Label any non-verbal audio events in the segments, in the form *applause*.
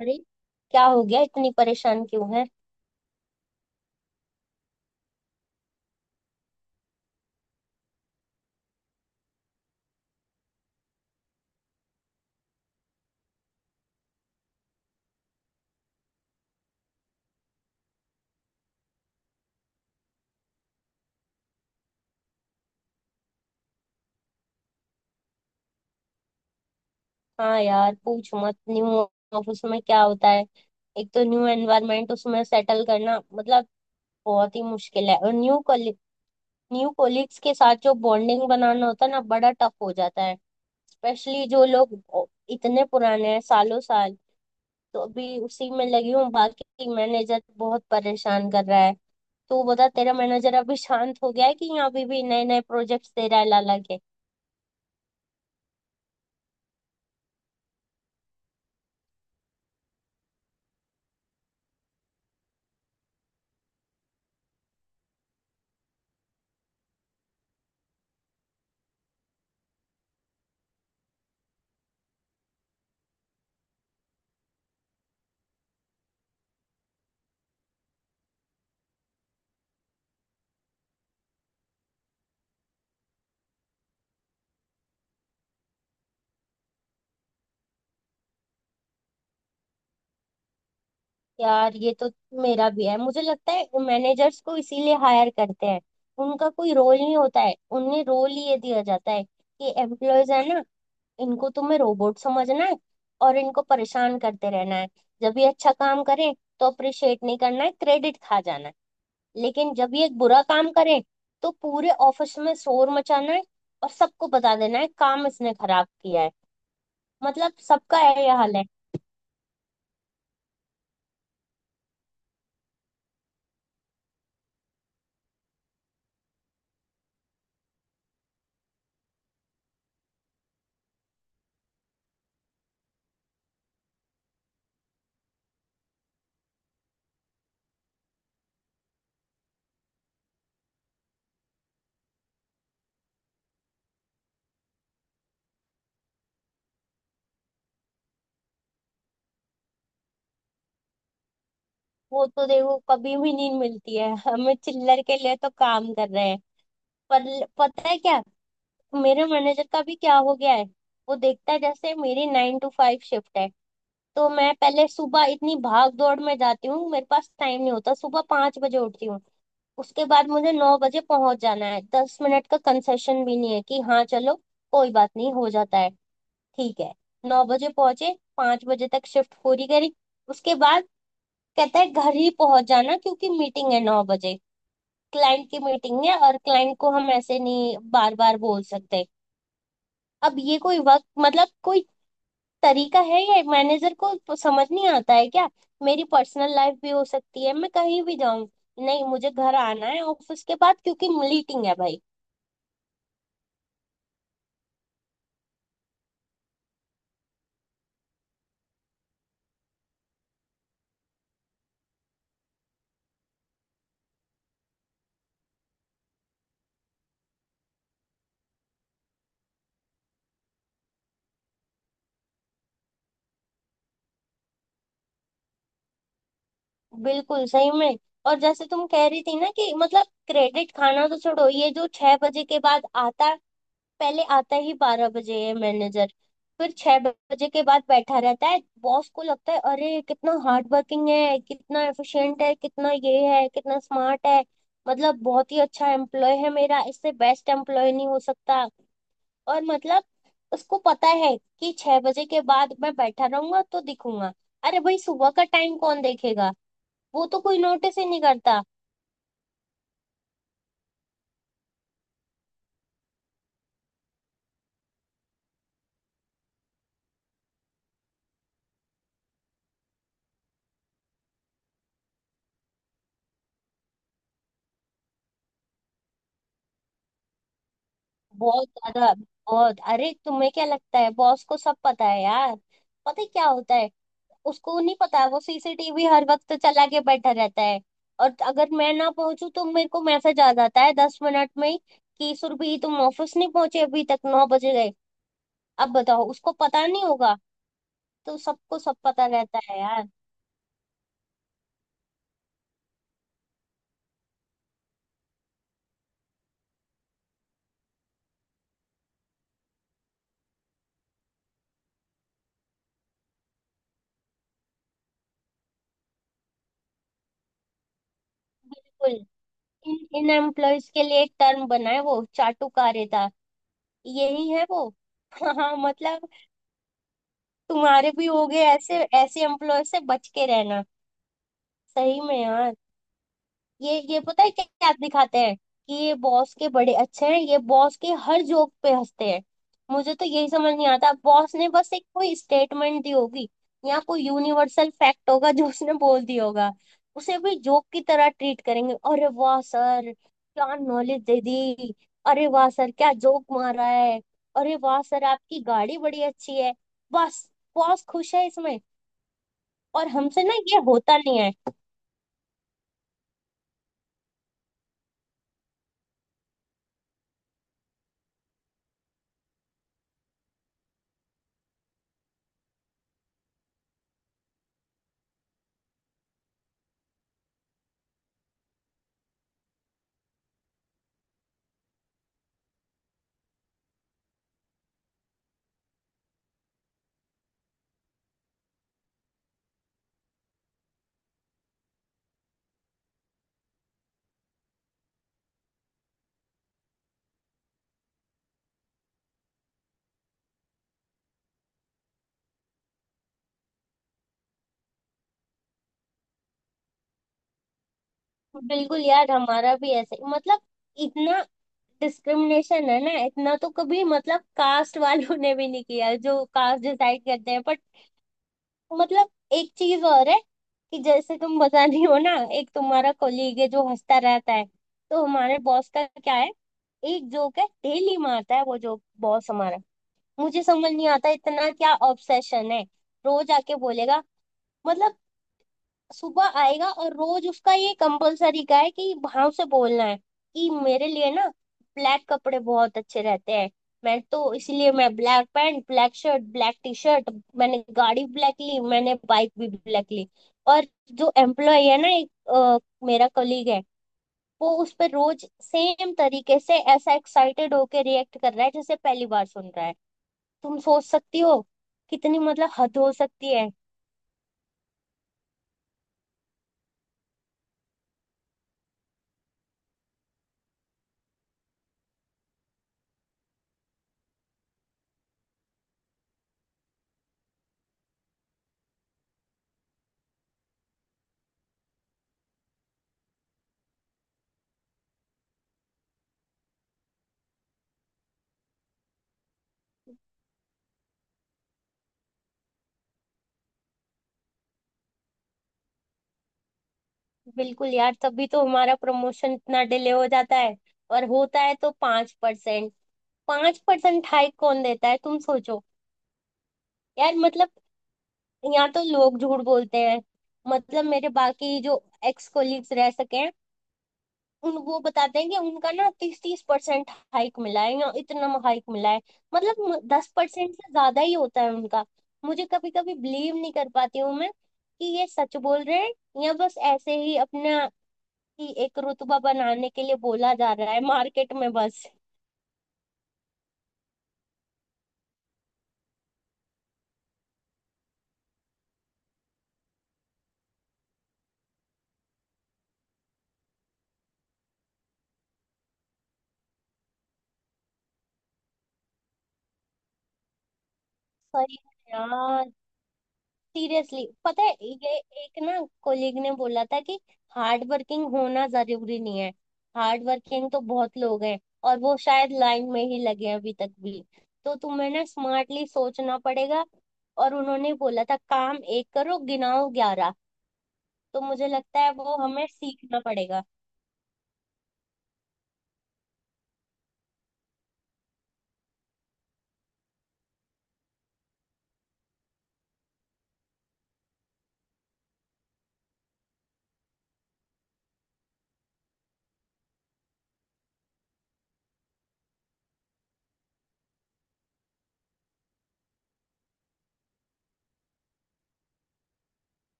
अरे क्या हो गया, इतनी परेशान क्यों है। हाँ यार पूछ मत। न्यू ऑफिस में क्या होता है। एक तो न्यू एनवायरनमेंट उसमें सेटल करना मतलब बहुत ही मुश्किल है, और न्यू कोलिग्स के साथ जो बॉन्डिंग बनाना होता है ना बड़ा टफ हो जाता है। स्पेशली जो लोग इतने पुराने हैं सालों साल। तो अभी उसी में लगी हूँ, बाकी मैनेजर बहुत परेशान कर रहा है। तू बता, तेरा मैनेजर अभी शांत हो गया है कि यहाँ अभी भी नए नए प्रोजेक्ट्स दे रहा है लाला के। यार ये तो मेरा भी है। मुझे लगता है मैनेजर्स को इसीलिए हायर करते हैं, उनका कोई रोल नहीं होता है। उन्हें रोल ये दिया जाता है कि एम्प्लॉयज है ना, इनको तुम्हें रोबोट समझना है और इनको परेशान करते रहना है। जब ये अच्छा काम करें तो अप्रिशिएट नहीं करना है, क्रेडिट खा जाना है। लेकिन जब ये एक बुरा काम करें तो पूरे ऑफिस में शोर मचाना है और सबको बता देना है काम इसने खराब किया है। मतलब सबका है यह हाल है। वो तो देखो कभी भी नहीं मिलती है, हमें चिल्लर के लिए तो काम कर रहे हैं। पर पता है क्या, मेरे मैनेजर का भी क्या हो गया है। वो देखता है जैसे मेरी 9 टू 5 शिफ्ट है, तो मैं पहले सुबह इतनी भाग दौड़ में जाती हूँ, मेरे पास टाइम नहीं होता। सुबह 5 बजे उठती हूँ, उसके बाद मुझे 9 बजे पहुंच जाना है। 10 मिनट का कंसेशन भी नहीं है कि हाँ चलो कोई बात नहीं हो जाता है, ठीक है। 9 बजे पहुंचे, 5 बजे तक शिफ्ट पूरी करी। उसके बाद कहता है घर ही पहुंच जाना क्योंकि मीटिंग है 9 बजे। क्लाइंट की मीटिंग है और क्लाइंट को हम ऐसे नहीं बार बार बोल सकते। अब ये कोई वक्त, मतलब कोई तरीका है, या मैनेजर को समझ नहीं आता है क्या। मेरी पर्सनल लाइफ भी हो सकती है, मैं कहीं भी जाऊं। नहीं, मुझे घर आना है ऑफिस के बाद क्योंकि मीटिंग है भाई। बिल्कुल, सही में। और जैसे तुम कह रही थी ना कि मतलब क्रेडिट खाना तो छोड़ो, ये जो 6 बजे के बाद आता है, पहले आता ही 12 बजे है मैनेजर। फिर 6 बजे के बाद बैठा रहता है, बॉस को लगता है अरे कितना हार्ड वर्किंग है, कितना एफिशिएंट है, कितना ये है, कितना स्मार्ट है। मतलब बहुत ही अच्छा एम्प्लॉय है मेरा, इससे बेस्ट एम्प्लॉय नहीं हो सकता। और मतलब उसको पता है कि 6 बजे के बाद मैं बैठा रहूंगा तो दिखूंगा। अरे भाई, सुबह का टाइम कौन देखेगा, वो तो कोई नोटिस ही नहीं करता। बहुत ज्यादा। बहुत। अरे तुम्हें क्या लगता है बॉस को सब पता है यार। पता है क्या होता है, उसको नहीं पता। वो सीसीटीवी हर वक्त चला के बैठा रहता है। और अगर मैं ना पहुंचू तो मेरे को मैसेज आ जाता है 10 मिनट में ही, कि सुरभि तुम ऑफिस नहीं पहुंचे अभी तक, 9 बज गए। अब बताओ उसको पता नहीं होगा। तो सबको सब पता रहता है यार। बिल्कुल। इन इन एम्प्लॉयज के लिए एक टर्म बना है, वो चाटुकारिता। यही है वो। *laughs* हाँ मतलब, तुम्हारे भी हो गए ऐसे। ऐसे एम्प्लॉयर से बच के रहना, सही में यार। ये पता है क्या क्या दिखाते हैं, कि ये बॉस के बड़े अच्छे हैं, ये बॉस के हर जोक पे हंसते हैं। मुझे तो यही समझ नहीं आता, बॉस ने बस एक कोई स्टेटमेंट दी होगी या कोई यूनिवर्सल फैक्ट होगा जो उसने बोल दिया होगा, उसे भी जोक की तरह ट्रीट करेंगे। अरे वाह सर, क्या नॉलेज दे दी। अरे वाह सर, क्या जोक मारा है। अरे वाह सर, आपकी गाड़ी बड़ी अच्छी है। बस बॉस खुश है इसमें। और हमसे ना ये होता नहीं है। बिल्कुल यार, हमारा भी ऐसे, मतलब इतना डिस्क्रिमिनेशन है ना, इतना तो कभी मतलब कास्ट *laughs* वालों ने भी नहीं किया जो कास्ट डिसाइड करते हैं, बट मतलब एक चीज और है, कि जैसे तुम बता रही हो ना, एक तुम्हारा कोलीग है जो हंसता रहता है, तो हमारे बॉस का क्या है, एक जोक है डेली मारता है वो जोक बॉस हमारा। मुझे समझ नहीं आता इतना क्या ऑब्सेशन है। रोज आके बोलेगा, मतलब सुबह आएगा, और रोज उसका ये कंपलसरी का है कि भाव से बोलना है कि मेरे लिए ना ब्लैक कपड़े बहुत अच्छे रहते हैं, मैं तो इसलिए मैं black pant black shirt black T shirt, मैंने गाड़ी ब्लैक ली, मैंने बाइक भी ब्लैक ली। और जो एम्प्लॉय है ना, एक मेरा कलीग है, वो उस पर रोज सेम तरीके से ऐसा एक्साइटेड होके रिएक्ट कर रहा है जैसे पहली बार सुन रहा है। तुम सोच सकती हो कितनी मतलब हद हो सकती है। बिल्कुल यार, तभी तो हमारा प्रमोशन इतना डिले हो जाता है, और होता है तो 5%। 5% हाइक कौन देता है, तुम सोचो यार, मतलब यहाँ तो लोग झूठ बोलते हैं। मतलब मेरे बाकी जो एक्स कोलीग्स रह सके हैं, उन वो बताते हैं कि उनका ना तीस तीस परसेंट हाइक मिला है या इतना हाइक मिला है। मतलब 10% से ज्यादा ही होता है उनका। मुझे कभी कभी बिलीव नहीं कर पाती हूँ मैं कि ये सच बोल रहे हैं, या बस ऐसे ही अपना, कि एक रुतबा बनाने के लिए बोला जा रहा है मार्केट में बस। सही है यार। सीरियसली, पता है, ये एक ना कोलीग ने बोला था कि हार्ड वर्किंग होना जरूरी नहीं है, हार्ड वर्किंग तो बहुत लोग हैं और वो शायद लाइन में ही लगे हैं अभी तक भी, तो तुम्हें ना स्मार्टली सोचना पड़ेगा। और उन्होंने बोला था काम एक करो गिनाओ 11, तो मुझे लगता है वो हमें सीखना पड़ेगा।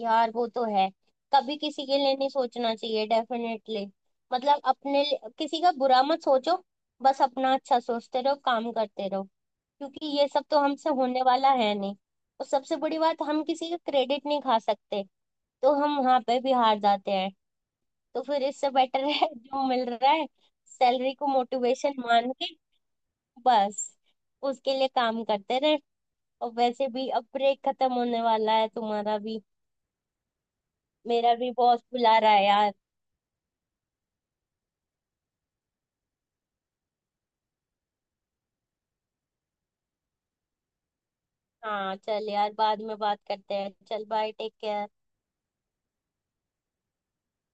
यार वो तो है, कभी किसी के लिए नहीं सोचना चाहिए, डेफिनेटली। मतलब किसी का बुरा मत सोचो, बस अपना अच्छा सोचते रहो, काम करते रहो, क्योंकि ये सब तो हमसे होने वाला है नहीं। और सबसे बड़ी बात, हम किसी का क्रेडिट नहीं खा सकते, तो हम वहां पे भी हार जाते हैं। तो फिर इससे बेटर है *laughs* जो मिल रहा है सैलरी को मोटिवेशन मान के, बस उसके लिए काम करते रहे। और वैसे भी अब ब्रेक खत्म होने वाला है तुम्हारा भी, मेरा भी बॉस बुला रहा है यार। हाँ चल यार, बाद में बात करते हैं, चल बाय, टेक केयर।